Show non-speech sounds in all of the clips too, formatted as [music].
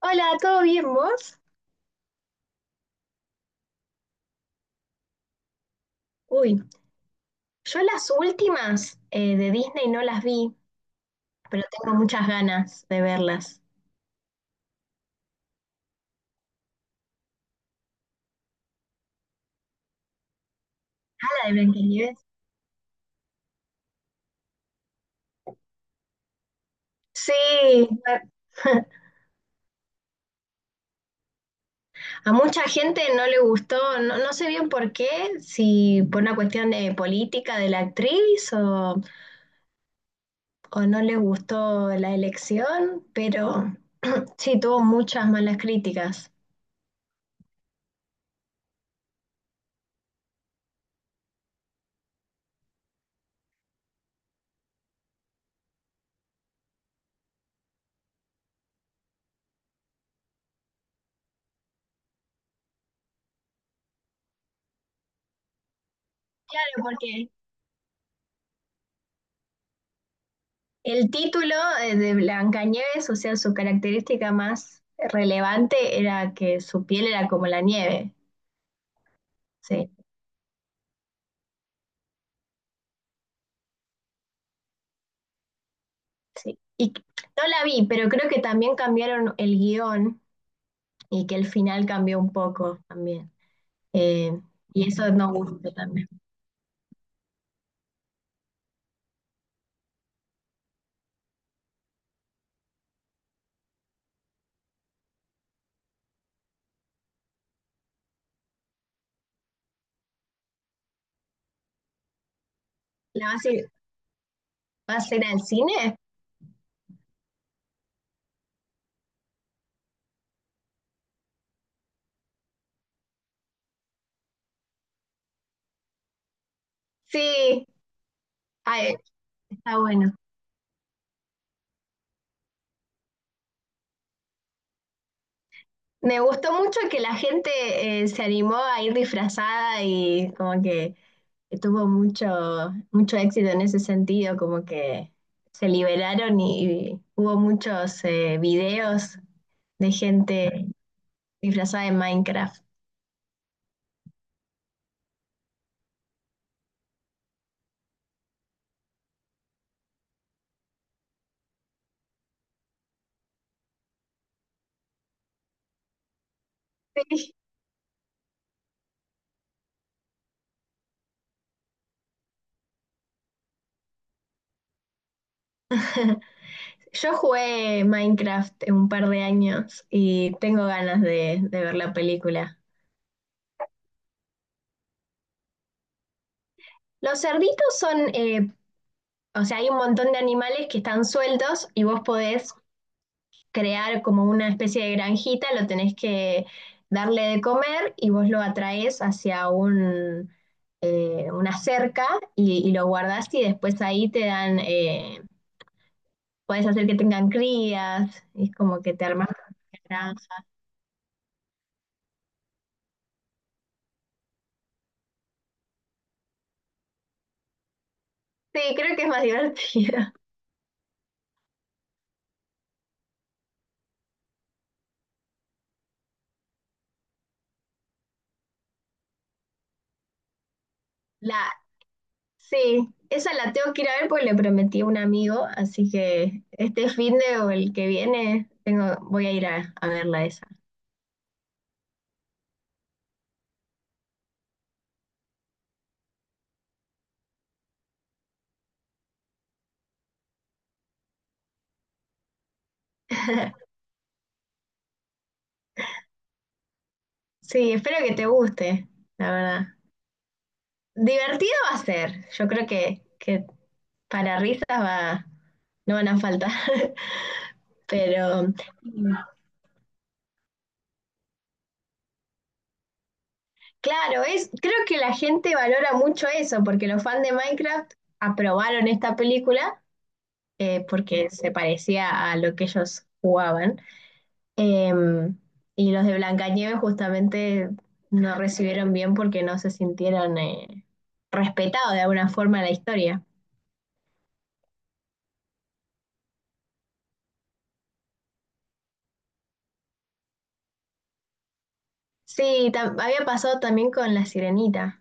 Hola, ¿todo bien vos? Uy, yo las últimas de Disney no las vi, pero tengo muchas ganas de verlas. Ah, la de Blancanieves. Sí, a, [laughs] a mucha gente no le gustó, no, no sé bien por qué, si por una cuestión de política de la actriz o no le gustó la elección, pero [clears throat] sí tuvo muchas malas críticas. Claro, porque el título de Blancanieves, o sea, su característica más relevante era que su piel era como la nieve. Sí, sí. Y no la vi, pero creo que también cambiaron el guión y que el final cambió un poco también. Eh, y eso nos gusta también. ¿La vas a ir al cine? Sí. Ay, está bueno. Me gustó mucho que la gente se animó a ir disfrazada y como que tuvo mucho, mucho éxito en ese sentido, como que se liberaron y hubo muchos videos de gente disfrazada de Minecraft. Sí. [laughs] Yo jugué Minecraft en un par de años y tengo ganas de ver la película. Los cerditos son, o sea, hay un montón de animales que están sueltos y vos podés crear como una especie de granjita, lo tenés que darle de comer y vos lo atraes hacia una cerca y lo guardás y después ahí te dan, puedes hacer que tengan crías, y es como que te armas una granja. Sí, creo que es más [laughs] divertido. La, sí, esa la tengo que ir a ver porque le prometí a un amigo, así que este fin de o el que viene tengo, voy a ir a verla esa. [laughs] Sí, espero que te guste, la verdad. Divertido va a ser. Yo creo que para risas va, no van a faltar. [laughs] Pero claro, es, creo que la gente valora mucho eso, porque los fans de Minecraft aprobaron esta película porque se parecía a lo que ellos jugaban. Em, y los de Blancanieves justamente no recibieron bien porque no se sintieron respetados de alguna forma en la historia. Sí, había pasado también con La Sirenita.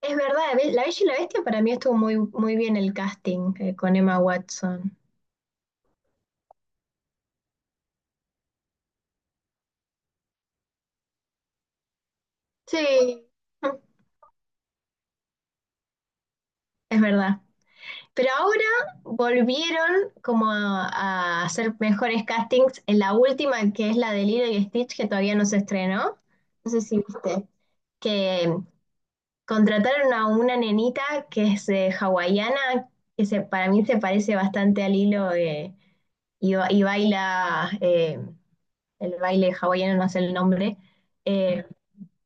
Es verdad, La Bella y la Bestia para mí estuvo muy, muy bien el casting con Emma Watson. Sí, mm, es verdad. Pero ahora volvieron como a hacer mejores castings en la última, que es la de Lilo y Stitch, que todavía no se estrenó. No sé si viste. Que contrataron a una nenita que es hawaiana, para mí se parece bastante a Lilo y, y baila el baile hawaiano, no sé el nombre. Eh,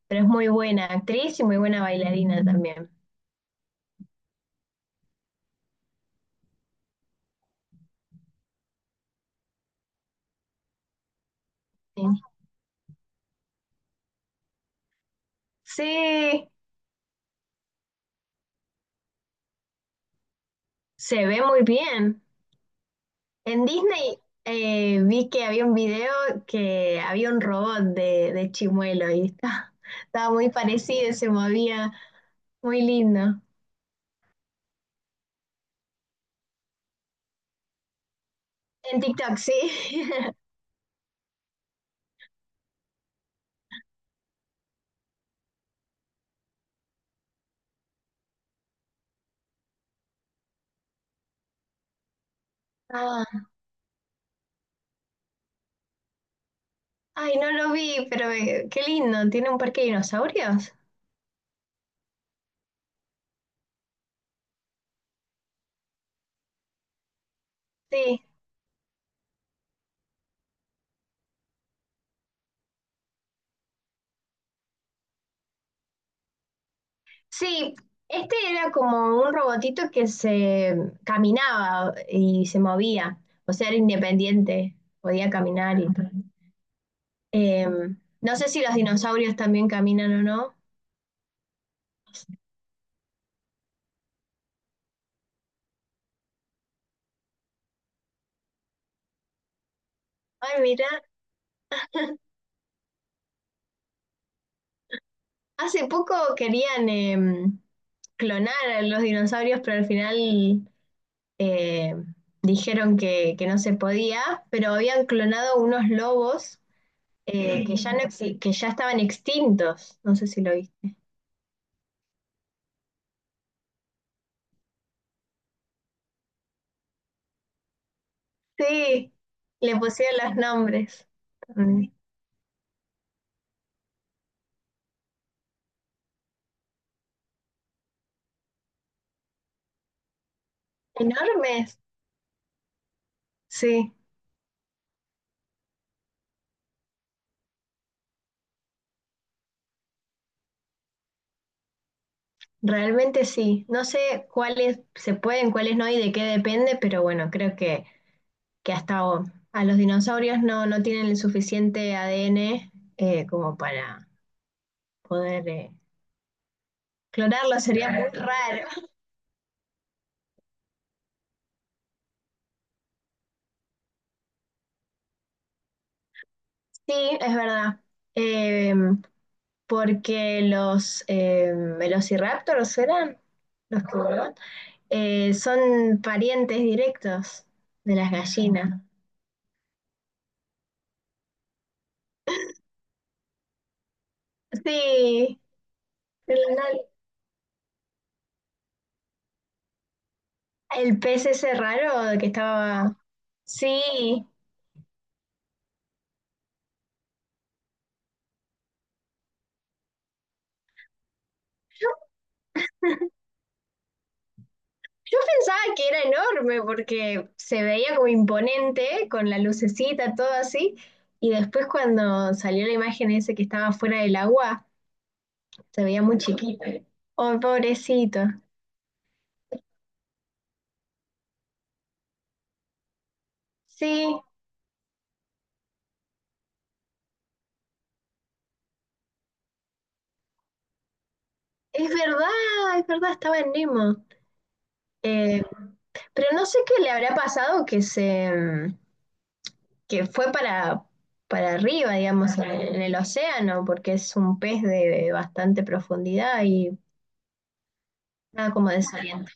pero es muy buena actriz y muy buena bailarina también. Sí. Sí, se ve muy bien. En Disney vi que había un video que había un robot de Chimuelo y estaba muy parecido, se movía muy lindo. En TikTok, sí. [laughs] Ah, ay, no lo vi, pero qué lindo. ¿Tiene un parque de dinosaurios? Sí. Sí, este era como un robotito que se caminaba y se movía, o sea, era independiente, podía caminar y todo. Eh, no sé si los dinosaurios también caminan o no. Ay, mira, hace poco querían clonar a los dinosaurios, pero al final eh, dijeron que no se podía, pero habían clonado unos lobos que ya no que ya estaban extintos, no sé si lo viste. Sí, le pusieron los nombres. Mm. Enormes. Sí, realmente sí. No sé cuáles se pueden, cuáles no y de qué depende, pero bueno, creo que hasta a los dinosaurios no, no tienen el suficiente ADN como para poder clonarlos. Sería muy raro. Sí, es verdad. Eh, porque los velociraptors eran los que volaban. Son parientes directos de las gallinas. Sí, el, el pez ese raro que estaba... Sí, yo pensaba que era enorme porque se veía como imponente con la lucecita, todo así. Y después cuando salió la imagen ese que estaba fuera del agua, se veía muy chiquito. Oh, pobrecito. Sí, es verdad, es verdad, estaba en Nemo. Eh, pero no sé qué le habrá pasado que se, mm, que fue para arriba, digamos, en el océano, porque es un pez de bastante profundidad y nada como desalienta.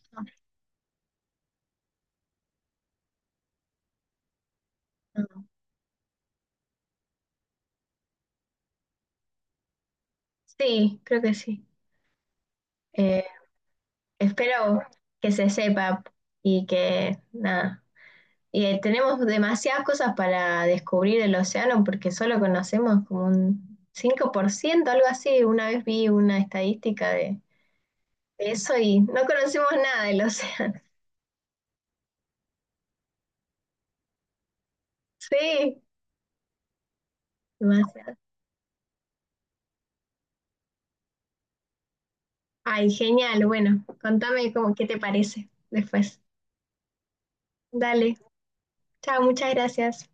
Sí, creo que sí. Eh, espero que se sepa y que nada. Y tenemos demasiadas cosas para descubrir el océano porque solo conocemos como un 5% algo así. Una vez vi una estadística de eso y no conocemos nada del océano. [laughs] Sí, demasiado. Ay, genial. Bueno, contame cómo, qué te parece después. Dale. Chao, muchas gracias.